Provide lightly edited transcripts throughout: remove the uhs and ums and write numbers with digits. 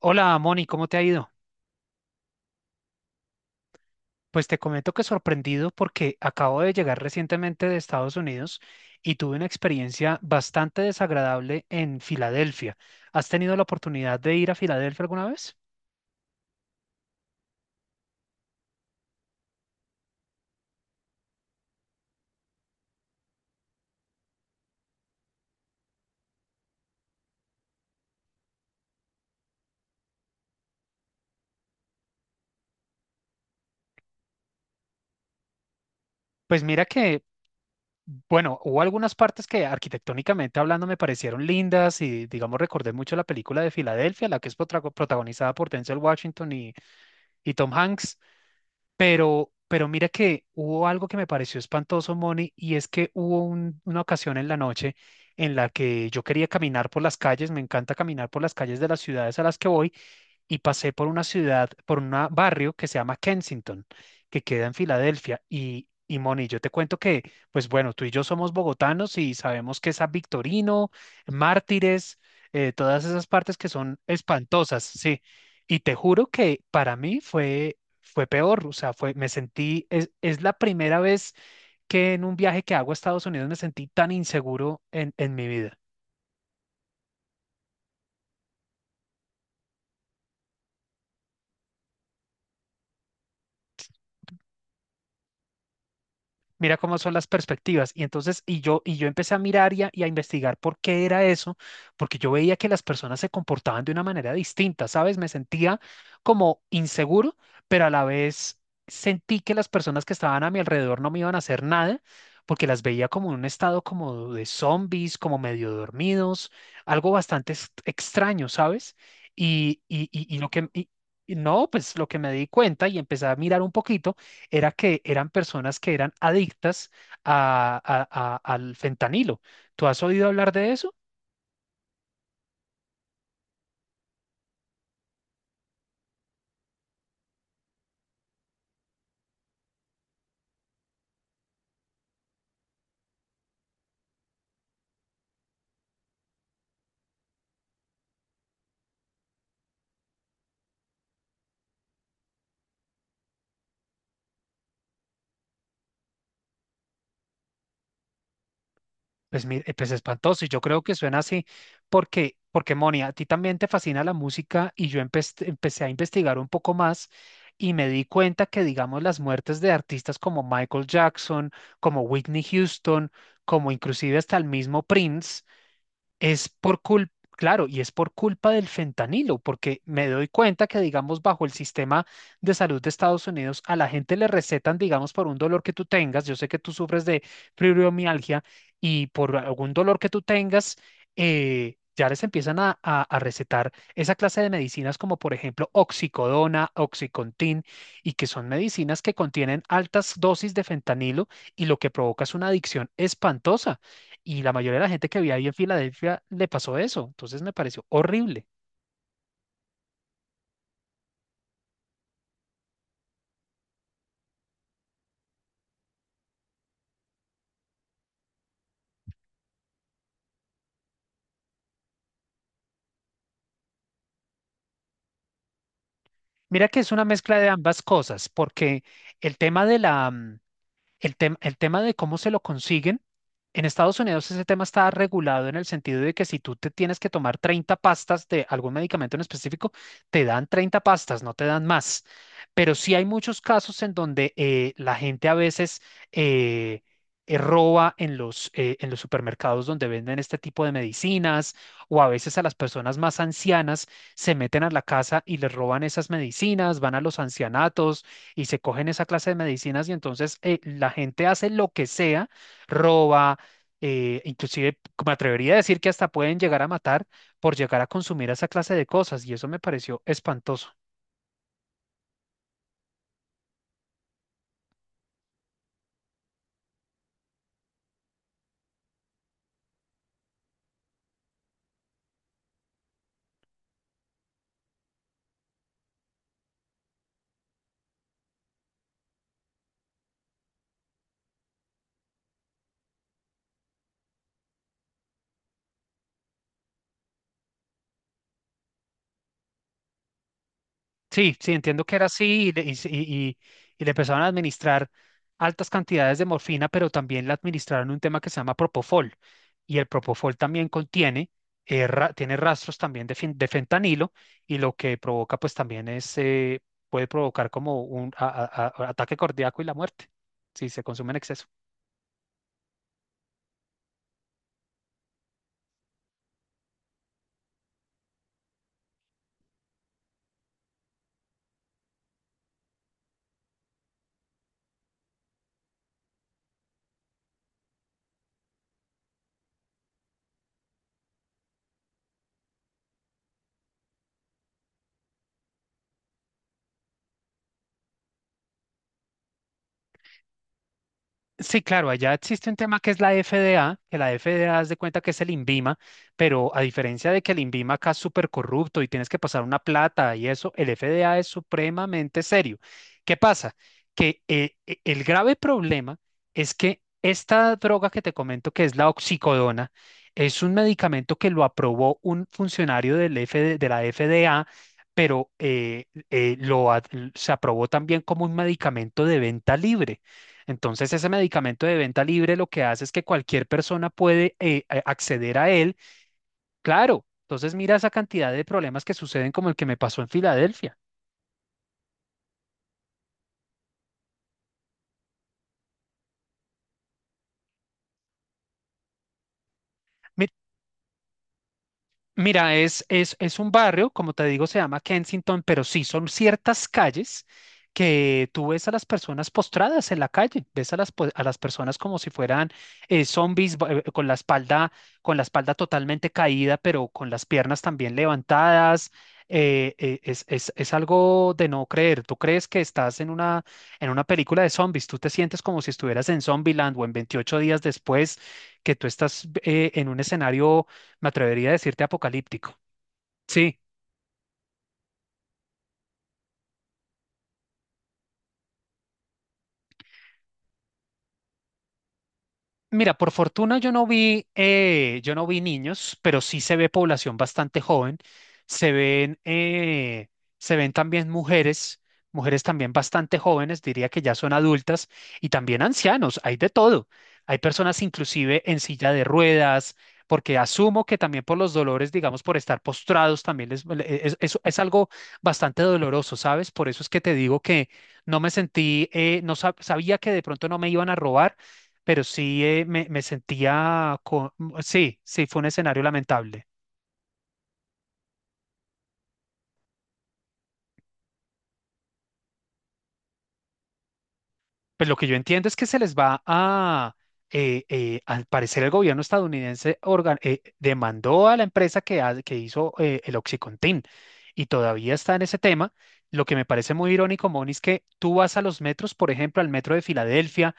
Hola, Moni, ¿cómo te ha ido? Pues te comento que sorprendido porque acabo de llegar recientemente de Estados Unidos y tuve una experiencia bastante desagradable en Filadelfia. ¿Has tenido la oportunidad de ir a Filadelfia alguna vez? Pues mira que, bueno, hubo algunas partes que arquitectónicamente hablando me parecieron lindas y, digamos, recordé mucho la película de Filadelfia, la que es protagonizada por Denzel Washington y Tom Hanks. Pero mira que hubo algo que me pareció espantoso, Moni, y es que hubo una ocasión en la noche en la que yo quería caminar por las calles. Me encanta caminar por las calles de las ciudades a las que voy, y pasé por una ciudad, por un barrio que se llama Kensington, que queda en Filadelfia. Y Moni, yo te cuento que, pues bueno, tú y yo somos bogotanos y sabemos que San Victorino, Mártires, todas esas partes que son espantosas, sí. Y te juro que para mí fue peor, o sea, fue, me sentí, es la primera vez que en un viaje que hago a Estados Unidos me sentí tan inseguro en mi vida. Mira cómo son las perspectivas. Y entonces, yo empecé a mirar y a investigar por qué era eso, porque yo veía que las personas se comportaban de una manera distinta, ¿sabes? Me sentía como inseguro, pero a la vez sentí que las personas que estaban a mi alrededor no me iban a hacer nada, porque las veía como en un estado como de zombies, como medio dormidos, algo bastante extraño, ¿sabes? Y lo que, y no, pues lo que me di cuenta y empecé a mirar un poquito era que eran personas que eran adictas a- a- al fentanilo. ¿Tú has oído hablar de eso? Pues, espantoso, y yo creo que suena así porque, porque Moni, a ti también te fascina la música y yo empecé a investigar un poco más y me di cuenta que, digamos, las muertes de artistas como Michael Jackson, como Whitney Houston, como inclusive hasta el mismo Prince. Es por culpa, claro, y es por culpa del fentanilo, porque me doy cuenta que, digamos, bajo el sistema de salud de Estados Unidos, a la gente le recetan, digamos, por un dolor que tú tengas. Yo sé que tú sufres de fibromialgia, y por algún dolor que tú tengas, ya les empiezan a recetar esa clase de medicinas como, por ejemplo, oxicodona, oxicontin, y que son medicinas que contienen altas dosis de fentanilo, y lo que provoca es una adicción espantosa. Y la mayoría de la gente que había ahí en Filadelfia le pasó eso. Entonces me pareció horrible. Mira que es una mezcla de ambas cosas, porque el tema de la, mm, El tem- el tema de cómo se lo consiguen, en Estados Unidos ese tema está regulado en el sentido de que si tú te tienes que tomar 30 pastas de algún medicamento en específico, te dan 30 pastas, no te dan más. Pero sí hay muchos casos en donde, la gente a veces, eh, roba en los supermercados donde venden este tipo de medicinas, o a veces a las personas más ancianas se meten a la casa y les roban esas medicinas, van a los ancianatos y se cogen esa clase de medicinas. Y entonces, la gente hace lo que sea, roba, inclusive me atrevería a decir que hasta pueden llegar a matar por llegar a consumir esa clase de cosas, y eso me pareció espantoso. Sí, sí, entiendo que era así y le, y, se- y- y le empezaron a administrar altas cantidades de morfina, pero también le administraron un tema que se llama propofol. Y el propofol también contiene, tiene rastros también de fentanilo, y lo que provoca pues también puede provocar como un ataque cardíaco y la muerte si se consume en exceso. Sí, claro, allá existe un tema que es la FDA, que la FDA haz de cuenta que es el INVIMA, pero a diferencia de que el INVIMA acá es súper corrupto y tienes que pasar una plata y eso, el FDA es supremamente serio. ¿Qué pasa? Que el grave problema es que esta droga que te comento, que es la oxicodona, es un medicamento que lo aprobó un funcionario del FD de la FDA, pero se aprobó también como un medicamento de venta libre. Entonces, ese medicamento de venta libre lo que hace es que cualquier persona puede acceder a él. Claro, entonces mira esa cantidad de problemas que suceden como el que me pasó en Filadelfia. Mi- Mira, es un barrio, como te digo, se llama Kensington, pero sí son ciertas calles que tú ves a las personas postradas en la calle, ves a las personas como si fueran, zombies, con la espalda totalmente caída, pero con las piernas también levantadas. Es algo de no creer. Tú crees que estás en una película de zombies, tú te sientes como si estuvieras en Zombieland o en 28 días después, que tú estás, en un escenario me atrevería a decirte apocalíptico. Sí. Mira, por fortuna yo no vi niños, pero sí se ve población bastante joven. Se ven, eh, se ven también mujeres, mujeres también bastante jóvenes, diría que ya son adultas, y también ancianos, hay de todo. Hay personas inclusive en silla de ruedas, porque asumo que también por los dolores, digamos, por estar postrados, también es algo bastante doloroso, ¿sabes? Por eso es que te digo que no me sentí, no sabía que de pronto no me iban a robar, pero sí, me sentía. Sí, sí, fue un escenario lamentable. Pues lo que yo entiendo es que se les va a, al parecer el gobierno estadounidense, demandó a la empresa que hizo, el OxyContin, y todavía está en ese tema. Lo que me parece muy irónico, Moni, es que tú vas a los metros, por ejemplo, al metro de Filadelfia,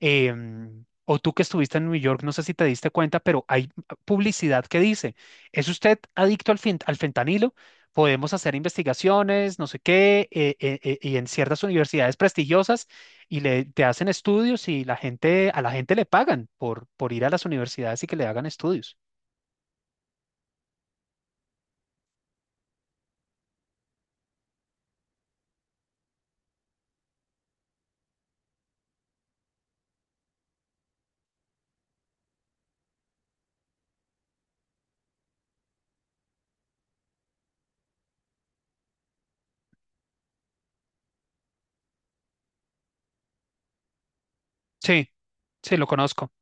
o tú que estuviste en New York, no sé si te diste cuenta, pero hay publicidad que dice, ¿es usted adicto al fentanilo? Podemos hacer investigaciones, no sé qué, y en ciertas universidades prestigiosas te hacen estudios, y a la gente le pagan por ir a las universidades y que le hagan estudios. Sí, sí, lo conozco.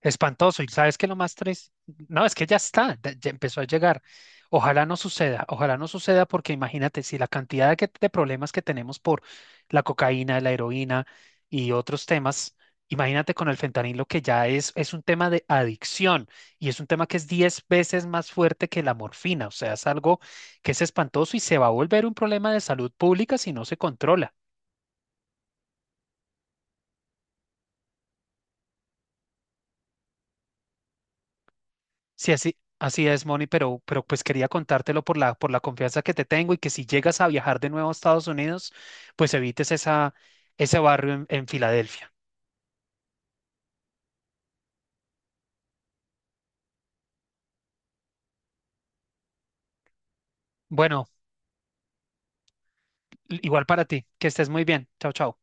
Espantoso. ¿Y sabes qué es lo más triste? No, es que ya está, ya empezó a llegar. Ojalá no suceda, ojalá no suceda, porque imagínate si la cantidad de problemas que tenemos por la cocaína, la heroína y otros temas, imagínate con el fentanilo, que ya es un tema de adicción, y es un tema que es 10 veces más fuerte que la morfina. O sea, es algo que es espantoso y se va a volver un problema de salud pública si no se controla. Sí, así, así es, Moni, pero, pues quería contártelo por la confianza que te tengo, y que si llegas a viajar de nuevo a Estados Unidos, pues evites ese barrio en Filadelfia. Bueno, igual para ti, que estés muy bien. Chao, chao.